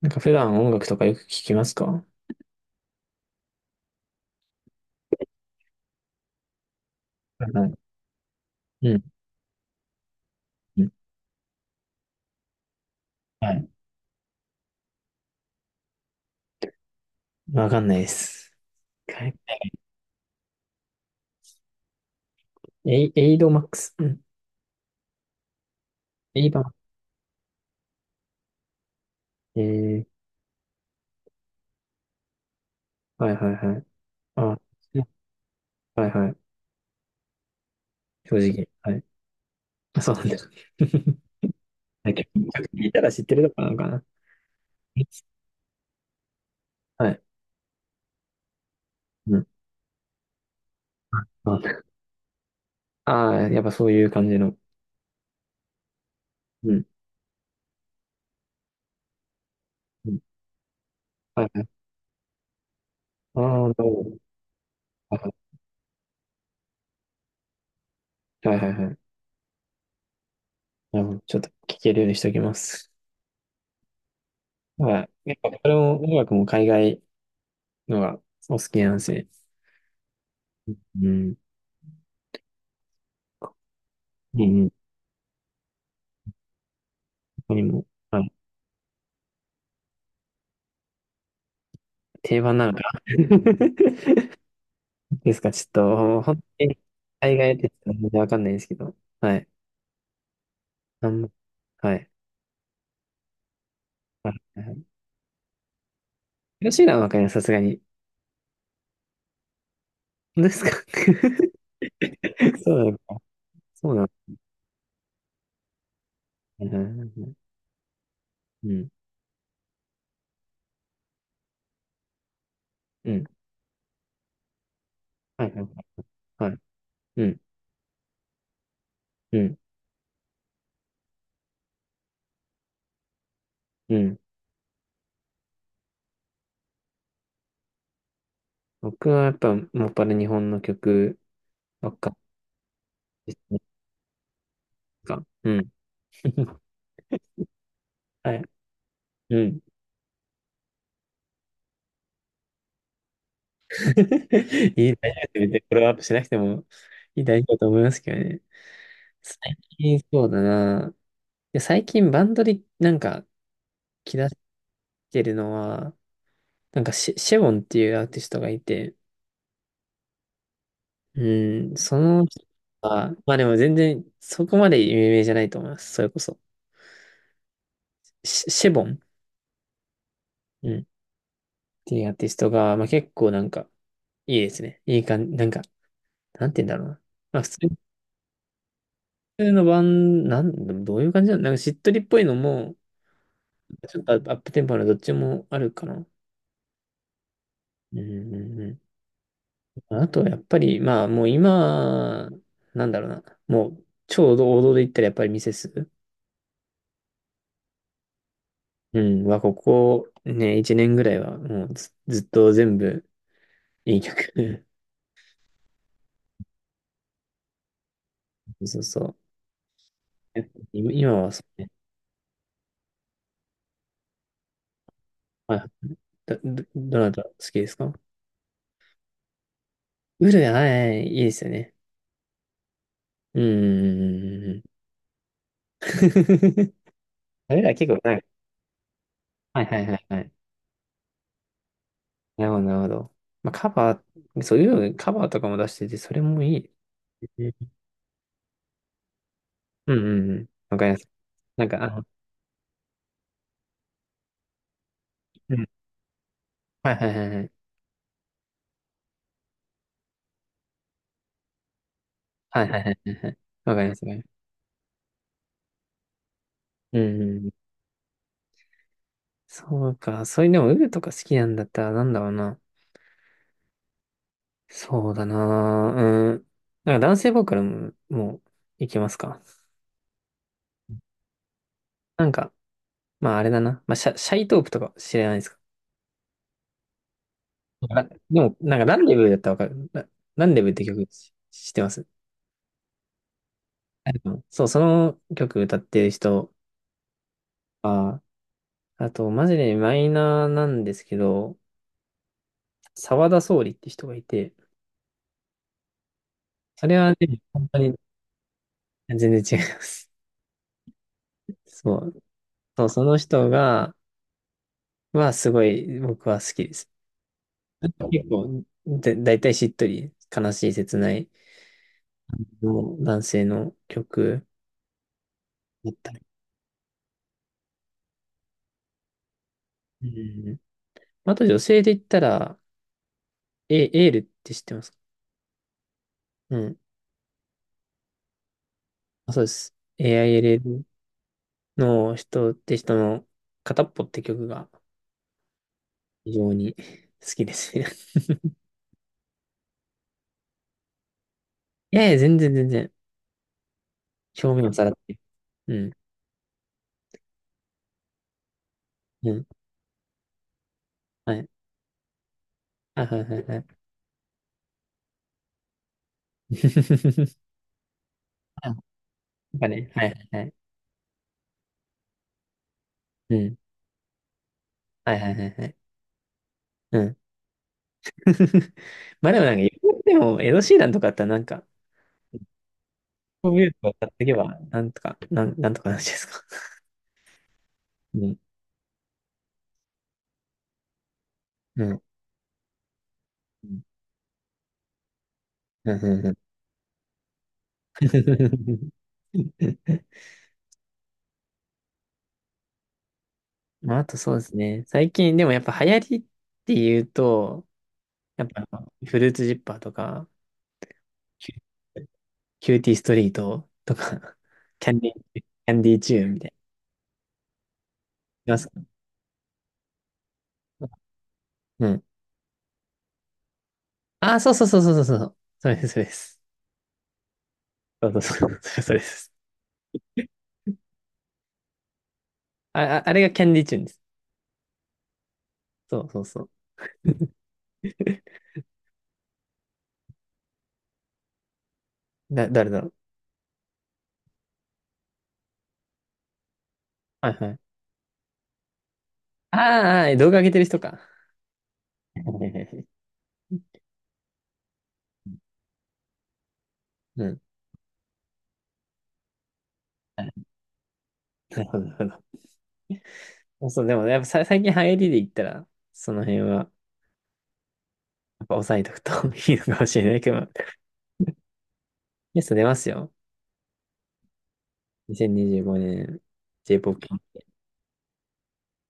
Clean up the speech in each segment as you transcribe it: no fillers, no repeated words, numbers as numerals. なんか普段音楽とかよく聞きますか？はいはい。うん。うん。はい。わかんないです。はい。エイドマックス。うん。エイバー。はいはいはい。あ、はいはい。正直。はい。あ、そうなんだ。はい。結構聞いたら知ってるとかなのかな。はい。うん。ああー、やっぱそういう感じの。うん。うん。はいはい。ああ、なるほど。はいはいはいはい。なるほど。ちょっと聞けるようにしておきます。はい。やっぱこれも音楽も海外のがお好きなんですね。うん。うん、他にも、はい、定番なのかな？ですか、ちょっと、本当に、海外で全然わかんないですけど。はい。あんま、はい。はい。はい。広島はわかります、さすがに。本当ですか？ そうなのか。そうなのか。うん。うん。はい。はい。はい。うん。うん。うん。僕はやっぱ、もっぱら日本の曲ばっかりですね。なんか、うん。はい。うん。いい、大丈夫って別にフォローアップしなくてもいい、大丈夫だと思いますけどね。最近そうだな。で最近バンドでなんか気出してるのは、なんかシェウォンっていうアーティストがいて、うん、その人は、まあでも全然そこまで有名じゃないと思います。それこそ。シェボン、うん、っていうアーティストが、まあ結構なんかいいですね。いい感じ、なんか、なんて言うんだろうな。まあ普通のバン、なん、どういう感じなのなんかしっとりっぽいのも、ちょっとアップテンポのどっちもあるかな。うんうんうん。あとはやっぱり、まあもう今、なんだろうな。もう超王道で言ったらやっぱりミセス。うん。は、ここね、1年ぐらいはもうずっと全部いい曲。そうそう。今はそうね。あ、どなた好きですか？ウルやはい、いいですよね。うんうんうんうんうん。あれら結構、はいはいはいはいはい。なるほど、なるほど。まあ、カバー、そういうカバーとかも出してて、それもいい。うんうんうん。わかります。なんか、うん。はいはいはいはい。はいはいはいはいはい。わかります。わかります。うんうんうん。そうか。そういう、でも、ウルとか好きなんだったら、なんだろうな。そうだな。うん。なんか男性ボーカルも、もう、いけますか？なんか、まああれだな。まあ、シャイトープとか知らないですか？あ、でも、なんか、ランデブーだったらわかる。ランデブーって曲し知ってます？うん。そう、その曲歌ってる人は、あと、マジでマイナーなんですけど、沢田総理って人がいて、それはね、本当に全然違います。そう、そう、その人が、はすごい僕は好きです。結構、だいたいしっとり、悲しい、切ないの男性の曲だったり。うん。あと女性で言ったら、エールって知ってますか？うん。あ、そうです。AILLの人って人の片っぽって曲が非常に好きですね。いやいや、全然全然。表面をさらって。うん。うん。はい。あ、はいはいはい。あなんかね、はいはいはい。うん。はいはいはいはい。うん。まあでもなんか、言っても、エド・シーランとかだったらなんか、こういうのを買っていけば、なんとか、なんとかなるじゃないですか。うん。うん。うん。うん。うん。 まあ、あとそうですね。最近、でもやっぱ流行りっていうと、やっぱ、フルーツジッパーとか、キュキューティーストリートとか、キャンディーチューンみたいな。いますか？うん。ああ、そうそうそうそうそうそう。それです、それです。そうそうそう。それ、それです。あ、あ、あれがキャンディーチューンです。そうそうそう。誰だろう。はいはい。ああ、ああ、動画上げてる人か。はいはいはい。うん。なるほど、なるほど。そう、でも、やっぱさ最近流行りで言ったら、その辺は、やっぱ抑えとくと いいのかもしれないけど、ゲスト出ますよ。2025年、j ポ o p。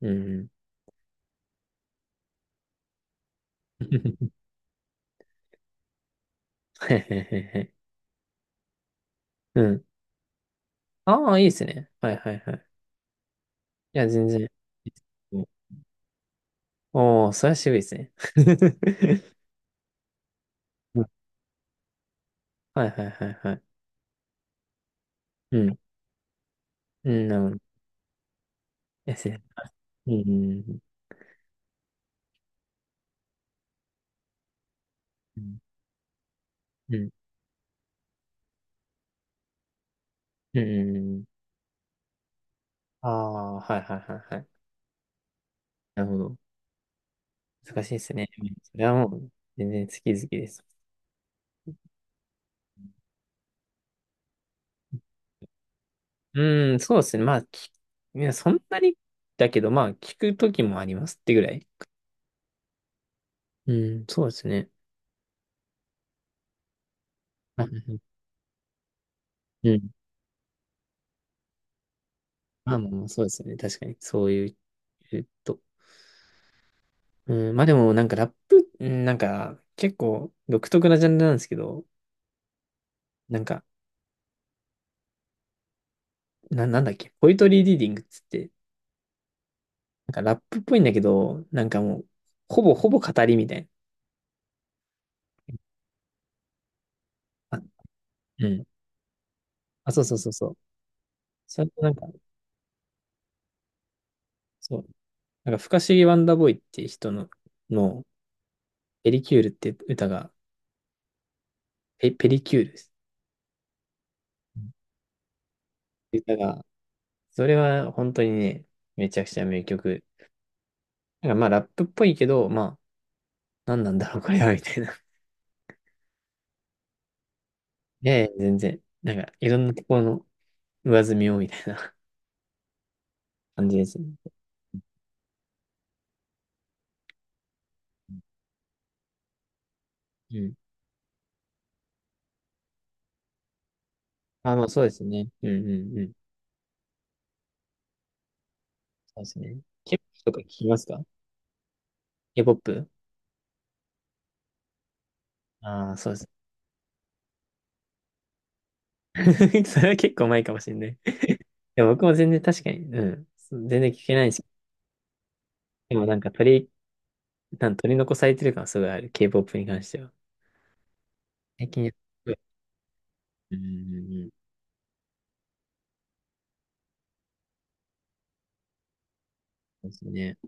うん。はいはいはいはい。うん。ああ、いいですね。はいはいはい。いや、全然。おおー、それは渋いですね。うん。はいはいはいはい。うん。うん、なるほど。ですね。うん。うん。うん。うん。ああー、はいはいはいはい。なるほど。難しいですね。それはもう、全然好き好きです。うん、そうですね。まあ、いや、そんなにだけど、まあ、聞くときもありますってぐらい。うん、そうですね。うん。うん。まあまあまあ、そうですね。確かに。そういう、えっと。うん、まあでも、なんかラップ、うんなんか、結構独特なジャンルなんですけど、なんか、なんだっけ、ポイトリーリーディングっつって、なんかラップっぽいんだけど、なんかもう、ほぼほぼ語りみたいな。あ、うん。あ、そうそうそうそう。それとなんか、そう。なんか、不可思議ワンダーボーイっていう人の、ペリキュールって歌が、ペリキュールです。うん。歌が、それは本当にね、めちゃくちゃ名曲。なんかまあラップっぽいけど、まあ、何なんだろう、これは、みたいな。いやいや、全然。なんか、いろんなところの上積みを、みたいな 感じですね。うん。あ、まあ、そうですね。うんうんうん。そうですね。K-POP とか聞きますか？ K-POP？ ああー、そうです。それは結構前かもしれない。いや、僕も全然確かに、うん。そう全然聞けないし、でもなんか取り残されてる感すごいある。K-POP に関しては。最近やっぱり、うんうんうん。そうですね。